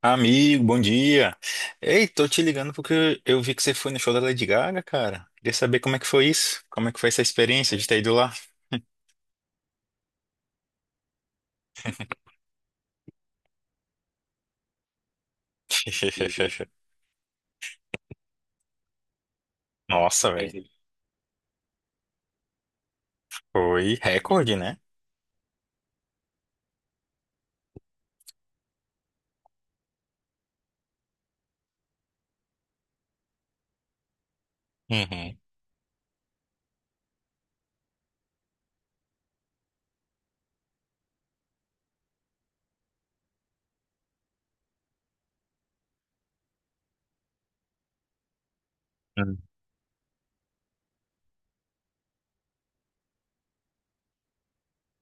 Amigo, bom dia. Ei, tô te ligando porque eu vi que você foi no show da Lady Gaga, cara. Queria saber como é que foi isso? Como é que foi essa experiência de ter ido lá? Nossa, velho. Foi recorde, né? Uhum. Hum.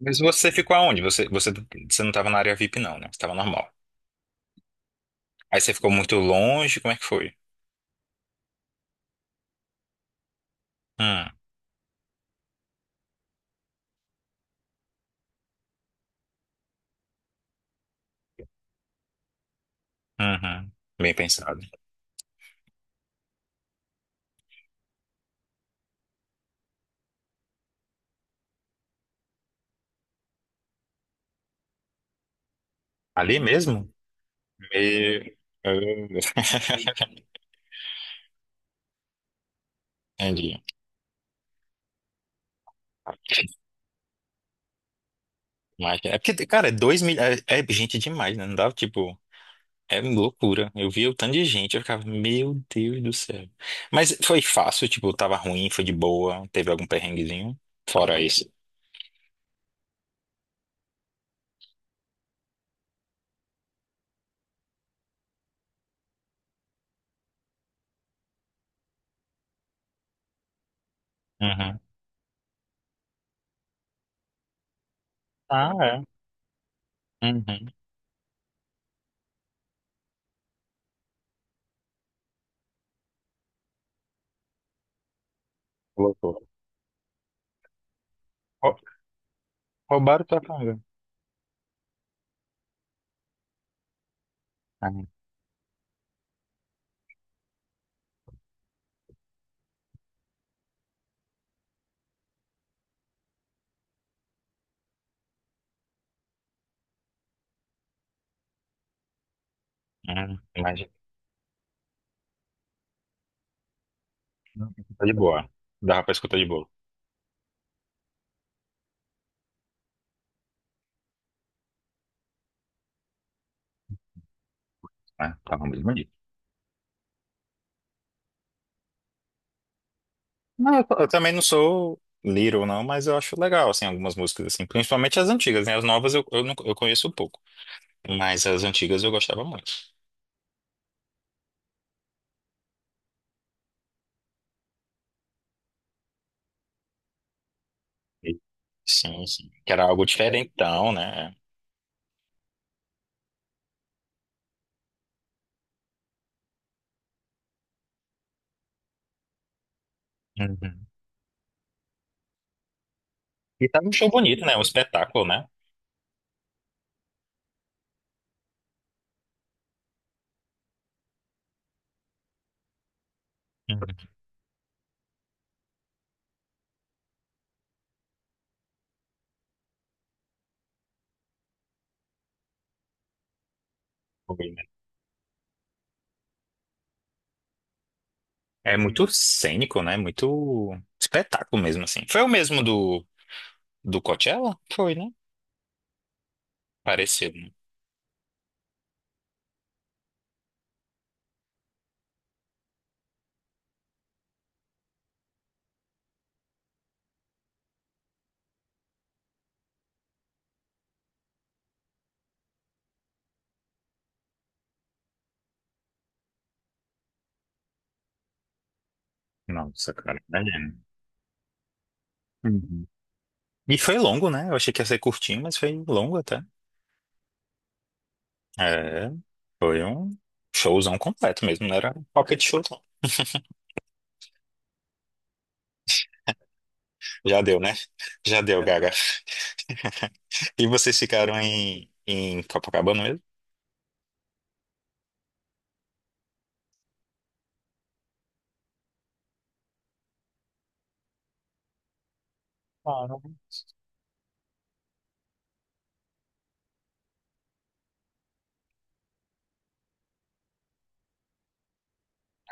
Mas você ficou aonde? Você não tava na área VIP, não, né? Você tava normal. Aí você ficou muito longe, como é que foi? Hum, uhum. Bem pensado. Ali mesmo? Me... Entendi. Mas é porque, cara, é dois mil... é gente demais, né? Não dava, tipo. É loucura. Eu via o tanto de gente, eu ficava, meu Deus do céu. Mas foi fácil, tipo, tava ruim, foi de boa, teve algum perrenguezinho? Fora isso. Uhum. Ah, é. Uhum. Loucura. Rou- Roubaram tua carga. Ah, imagina. Não, tá de boa. Dava pra escutar de boa. Ah, tava mesmo ali. Não, eu também não sou Little, não, mas eu acho legal, assim, algumas músicas, assim. Principalmente as antigas, né? As novas eu, não, eu conheço pouco. Mas as antigas eu gostava muito. Sim, sim. Que era algo diferentão, né? Uhum. E tava um show bonito, né? Um espetáculo, né? Uhum. Foi, né? É muito cênico, né? Muito espetáculo mesmo, assim. Foi o mesmo do, Coachella? Foi, né? Parecido, né? Nossa, cara, tá. Uhum. E foi longo, né? Eu achei que ia ser curtinho, mas foi longo até. É, foi um showzão completo mesmo, não era pocket show, não. Já deu, né? Já deu, Gaga. E vocês ficaram em Copacabana mesmo?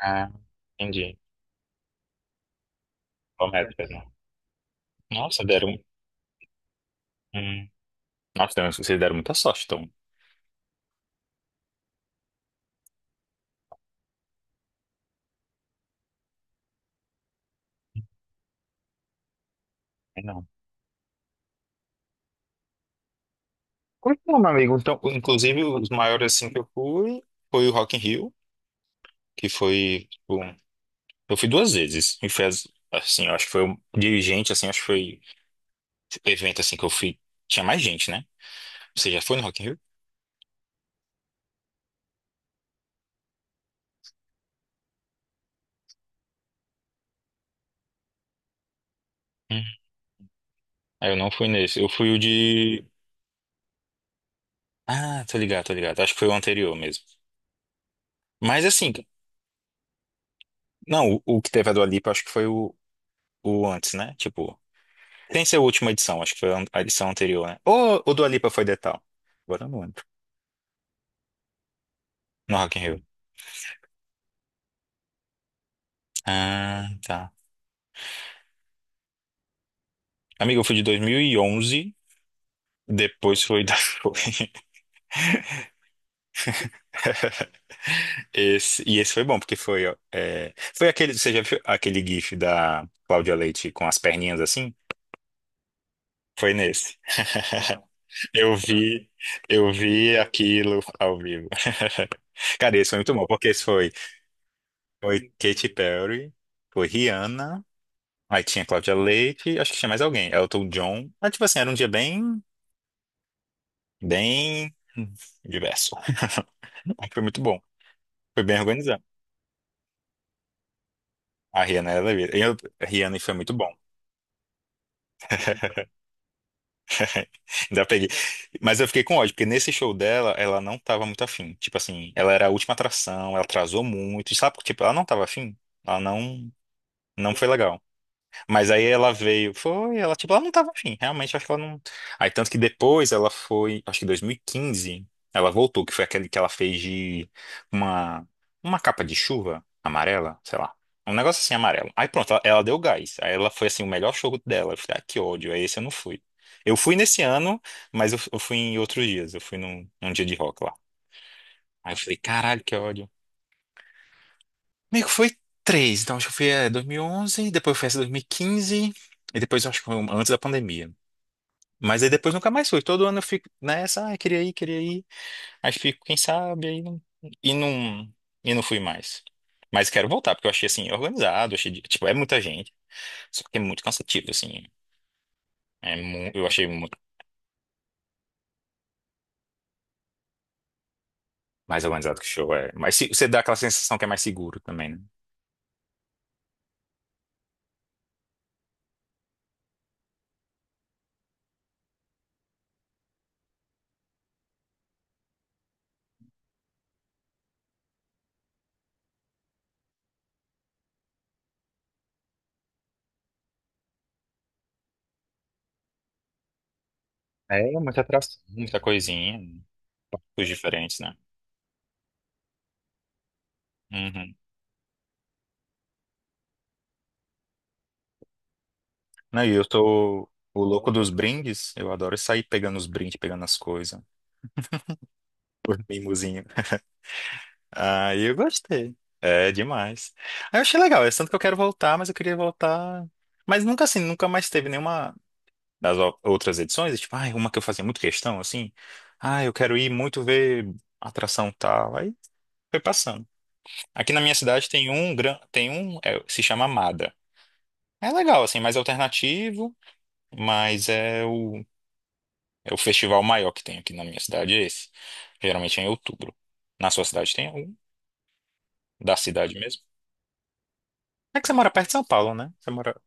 Ah, entendi. Correto, Pedro. Nossa, deram. Hum. Nossa, deram, vocês deram muita sorte, então. Não. Pois não, meu amigo. Então, inclusive, os maiores assim que eu fui foi o Rock in Rio, que foi, tipo, eu fui duas vezes. E foi assim, eu acho que foi o dirigente, assim, acho que foi evento assim que eu fui. Tinha mais gente, né? Você já foi no Rock in Rio? Hum. Ah, eu não fui nesse. Eu fui o de. Ah, tô ligado, tô ligado. Acho que foi o anterior mesmo. Mas assim, não, o, que teve a Dua Lipa, acho que foi o antes, né? Tipo. Tem ser a última edição, acho que foi a edição anterior, né? Ou o Dua Lipa foi Detal? Agora eu não lembro. No Rock in Rio. Ah, tá. Amigo, eu fui de 2011, depois foi da... Esse, e esse foi bom, porque foi... ó, é, foi aquele, você já viu aquele gif da Cláudia Leite com as perninhas assim? Foi nesse. Eu vi, eu vi aquilo ao vivo. Cara, esse foi muito bom, porque esse foi Katy Perry, foi Rihanna. Aí tinha Cláudia Leite, acho que tinha mais alguém. Elton John. Ah, tipo assim, era um dia bem, bem diverso. Aí foi muito bom. Foi bem organizado. A Rihanna, ela, eu, a Rihanna foi muito bom. Ainda peguei. Mas eu fiquei com ódio, porque nesse show dela, ela não tava muito afim. Tipo assim, ela era a última atração, ela atrasou muito. Sabe, tipo, ela não tava afim. Ela não, não foi legal. Mas aí ela veio, foi, ela, tipo, ela não tava afim, realmente, acho que ela não. Aí, tanto que depois ela foi, acho que em 2015, ela voltou, que foi aquele que ela fez de uma, uma, capa de chuva amarela, sei lá. Um negócio assim amarelo. Aí pronto, ela deu gás. Aí ela foi assim, o melhor show dela. Eu falei, ah, que ódio, aí esse eu não fui. Eu fui nesse ano, mas eu fui em outros dias, eu fui num dia de rock lá. Aí eu falei, caralho, que ódio. Meio que foi três. Então, acho que eu fui é, 2011, depois eu fui essa 2015, e quinze, e depois eu acho que foi antes da pandemia. Mas aí depois nunca mais fui. Todo ano eu fico nessa, ah, queria ir, queria ir. Aí fico, quem sabe, aí não, e não, e não fui mais. Mas quero voltar, porque eu achei assim, organizado, achei, tipo, é muita gente, só que é muito cansativo, assim. É eu achei muito mais organizado que show, é. Mas você dá aquela sensação que é mais seguro também, né? É, muita atração, muita coisinha, poucos diferentes, né? Uhum. Não, e eu sou o louco dos brindes. Eu adoro sair pegando os brindes, pegando as coisas. O mimosinho. Ah, eu gostei. É demais. Aí eu achei legal. É tanto que eu quero voltar, mas eu queria voltar. Mas nunca assim, nunca mais teve nenhuma das outras edições. E tipo, ah, uma que eu fazia muito questão, assim. Ah, eu quero ir muito ver atração tal. Aí foi passando. Aqui na minha cidade tem um, é, se chama Amada. É legal, assim, mais alternativo, mas é o festival maior que tem aqui na minha cidade, é esse. Geralmente é em outubro. Na sua cidade tem algum? Da cidade mesmo? É que você mora perto de São Paulo, né? Você mora.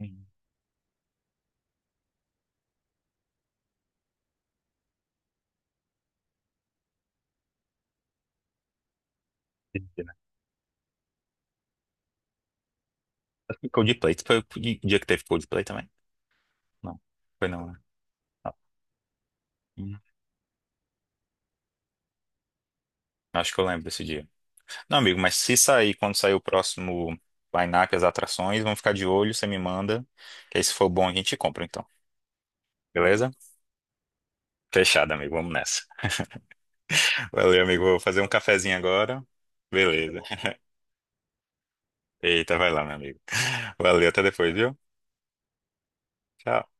Hum, entendi, né? Acho que Coldplay. Foi o dia que teve Coldplay também? Não. Foi não, né? Ah, hum, acho que eu lembro desse dia. Não, amigo, mas se sair, quando sair o próximo line-up, as atrações, vamos ficar de olho, você me manda. Que aí se for bom a gente compra, então. Beleza? Fechado, amigo. Vamos nessa. Valeu, amigo. Vou fazer um cafezinho agora. Beleza. Eita, vai lá, meu amigo. Valeu, até depois, viu? Tchau.